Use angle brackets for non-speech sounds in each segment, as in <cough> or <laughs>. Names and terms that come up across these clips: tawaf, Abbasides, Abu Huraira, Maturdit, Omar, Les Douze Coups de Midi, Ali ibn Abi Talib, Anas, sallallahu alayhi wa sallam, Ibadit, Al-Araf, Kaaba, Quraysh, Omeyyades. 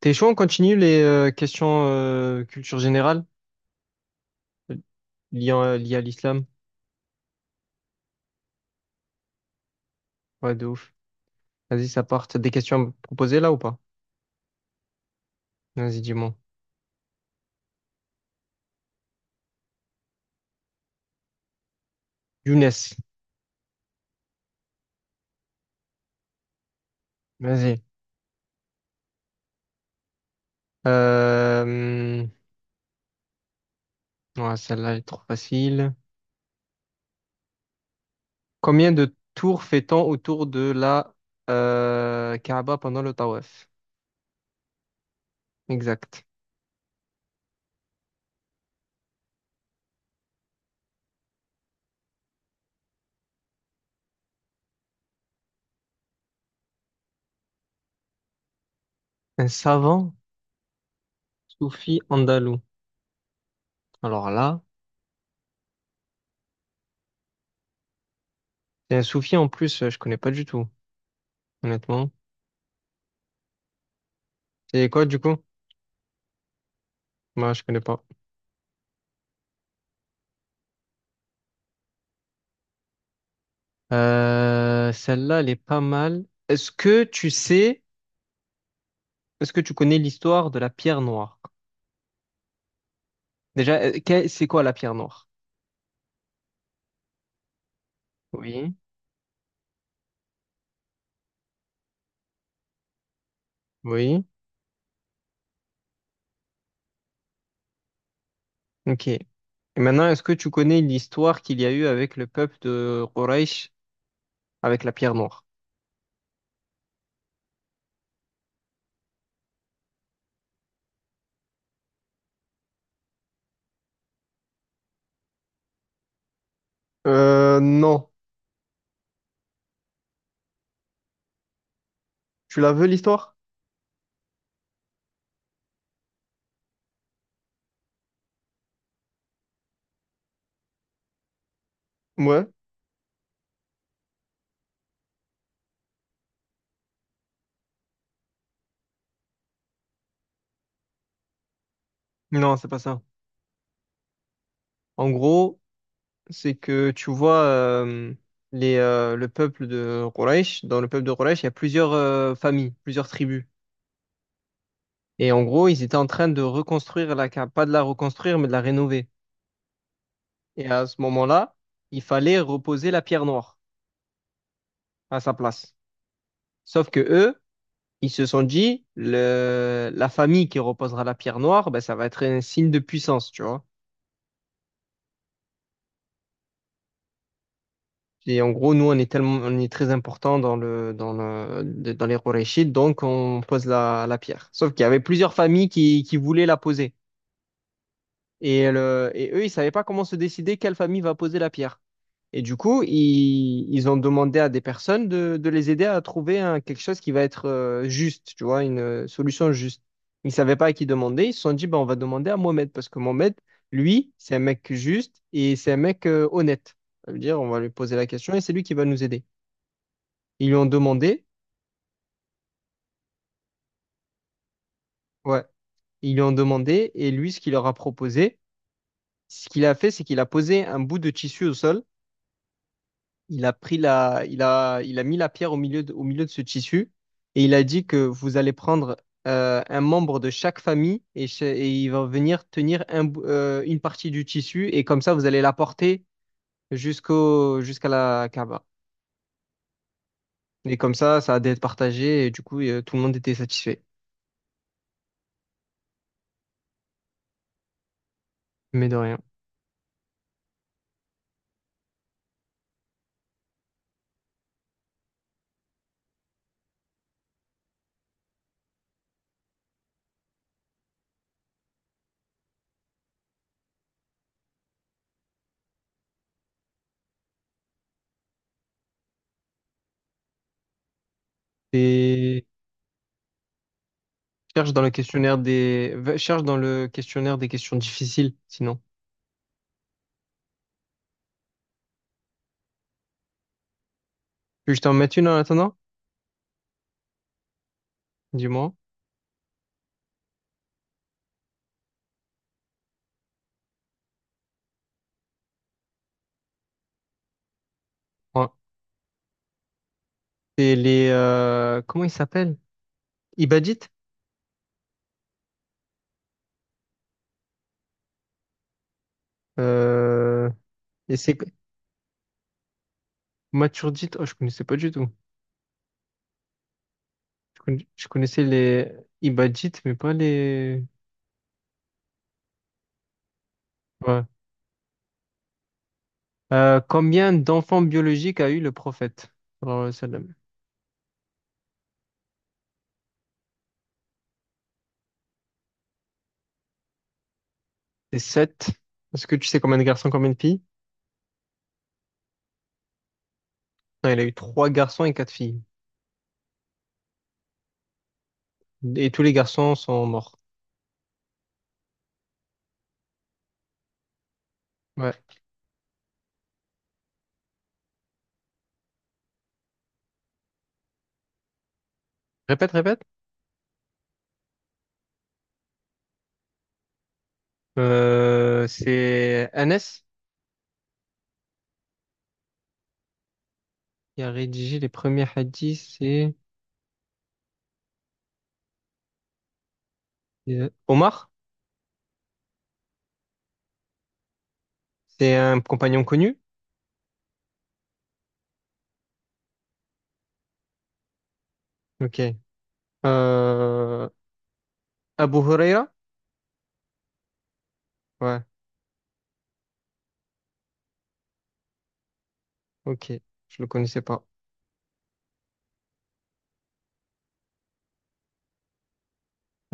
T'es chaud, on continue les questions culture générale liées à l'islam? Ouais, de ouf. Vas-y, ça part. T'as des questions à me proposer là ou pas? Vas-y, dis-moi. Younes, vas-y. Euh, ouais, celle-là elle est trop facile. Combien de tours fait-on autour de la Kaaba pendant le tawaf? Exact. Un savant soufi andalou. Alors là, c'est un soufi en plus, je connais pas du tout, honnêtement. C'est quoi du coup? Moi, je connais pas. Celle-là, elle est pas mal. Est-ce que tu sais, est-ce que tu connais l'histoire de la pierre noire? Déjà, c'est quoi la pierre noire? Oui. Oui. Ok. Et maintenant, est-ce que tu connais l'histoire qu'il y a eu avec le peuple de Quraysh avec la pierre noire? Non. Tu la veux, l'histoire? Ouais. Non, c'est pas ça. En gros, c'est que tu vois le peuple de Quraysh, dans le peuple de Quraysh, il y a plusieurs familles, plusieurs tribus. Et en gros, ils étaient en train de reconstruire la cave, pas de la reconstruire, mais de la rénover. Et à ce moment-là, il fallait reposer la pierre noire à sa place. Sauf que eux, ils se sont dit, la famille qui reposera la pierre noire, ben, ça va être un signe de puissance, tu vois. Et en gros, nous, on est tellement, on est très important dans les Quraychites, donc on pose la pierre. Sauf qu'il y avait plusieurs familles qui voulaient la poser. Et eux, ils savaient pas comment se décider quelle famille va poser la pierre. Et du coup, ils ont demandé à des personnes de les aider à trouver quelque chose qui va être juste, tu vois, une solution juste. Ils ne savaient pas à qui demander. Ils se sont dit, ben, on va demander à Mohamed parce que Mohamed, lui, c'est un mec juste et c'est un mec honnête. Ça veut dire, on va lui poser la question et c'est lui qui va nous aider. Ils lui ont demandé, ouais, ils lui ont demandé et lui, ce qu'il leur a proposé, ce qu'il a fait, c'est qu'il a posé un bout de tissu au sol. Il a pris il a mis la pierre au milieu de ce tissu et il a dit que vous allez prendre un membre de chaque famille et il va venir tenir une partie du tissu et comme ça vous allez la porter jusqu'à la Kaaba. Et comme ça a d'être partagé et du coup tout le monde était satisfait. Mais de rien. Et cherche dans le questionnaire cherche dans le questionnaire des questions difficiles sinon. Tu veux que je t'en mette une en attendant? Dis-moi. Ouais. C'est les, comment ils s'appellent? Ibadit? Euh, et c'est Maturdit? Oh, je connaissais pas du tout. Je connaissais les Ibadit, mais pas les. Ouais. Combien d'enfants biologiques a eu le prophète sallallahu alayhi wa sallam? C'est sept. Est-ce que tu sais combien de garçons, combien de filles? Non, il a eu trois garçons et quatre filles. Et tous les garçons sont morts. Ouais. Répète, répète. C'est Anas qui a rédigé les premiers hadiths. C'est Omar. C'est un compagnon connu. Ok. Euh, Abu Huraira? Ouais, ok. Je le connaissais pas.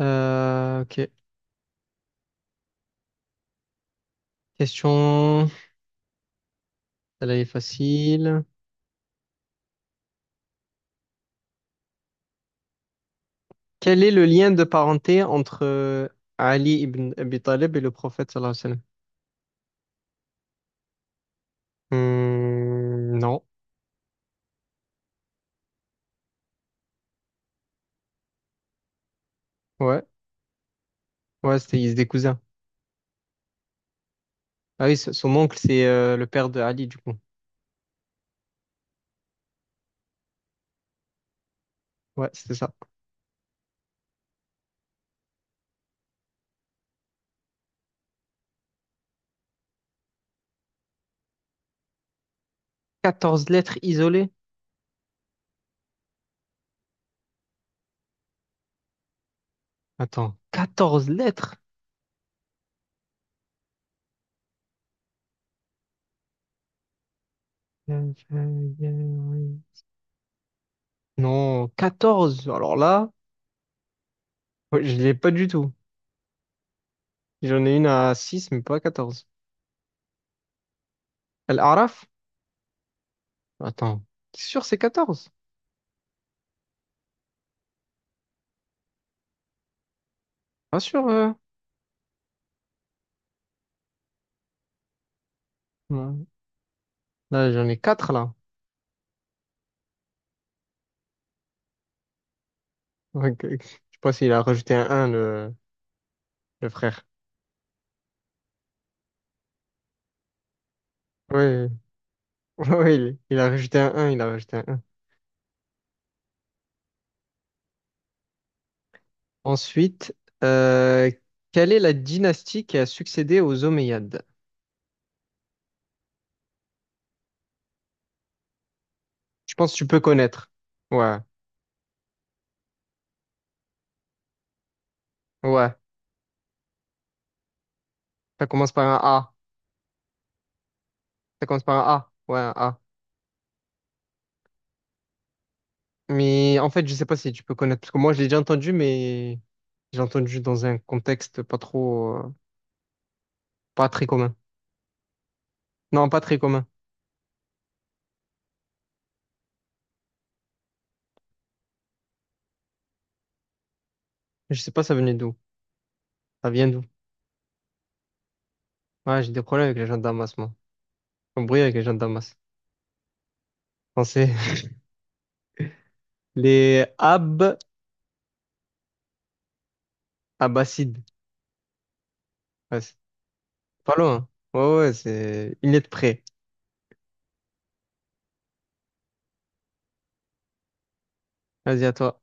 Ok. Question. Elle est facile. Quel est le lien de parenté entre Ali ibn Abi Talib et le prophète sallallahu alayhi wa sallam? Hmm, non. Ouais. Ouais, c'était, ils étaient des cousins. Ah oui, son oncle, c'est le père de Ali, du coup. Ouais, c'était ça. Quatorze lettres isolées? Attends, 14 lettres? Non, 14. Alors là, ouais, je l'ai pas du tout. J'en ai une à 6 mais pas à 14. Al-Araf? Attends, t'es sûr c'est 14? Pas sûr, non. Là, j'en ai 4 là. Ok. Je sais pas s'il a rajouté un le frère. Oui, oui, <laughs> il a rajouté un il a rajouté un 1. Ensuite, euh, quelle est la dynastie qui a succédé aux Omeyyades? Je pense que tu peux connaître. Ouais, ouais. Ça commence par un A. Ça commence par un A. Ouais, un A. Mais en fait, je sais pas si tu peux connaître, parce que moi, je l'ai déjà entendu, mais j'ai entendu dans un contexte pas trop, pas très commun. Non, pas très commun. Je sais pas ça venait d'où. Ça vient d'où. Ouais, j'ai des problèmes avec les gens de Damas, moi. Un bruit avec les gens de Damas. Non, c'est <laughs> les Ab Abbasides. Ouais, c'est pas loin, hein. Ouais, ouais, c'est une lettre près. Vas-y, à toi.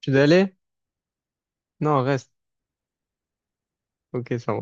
Tu dois aller? Non, reste. Ok, ça va.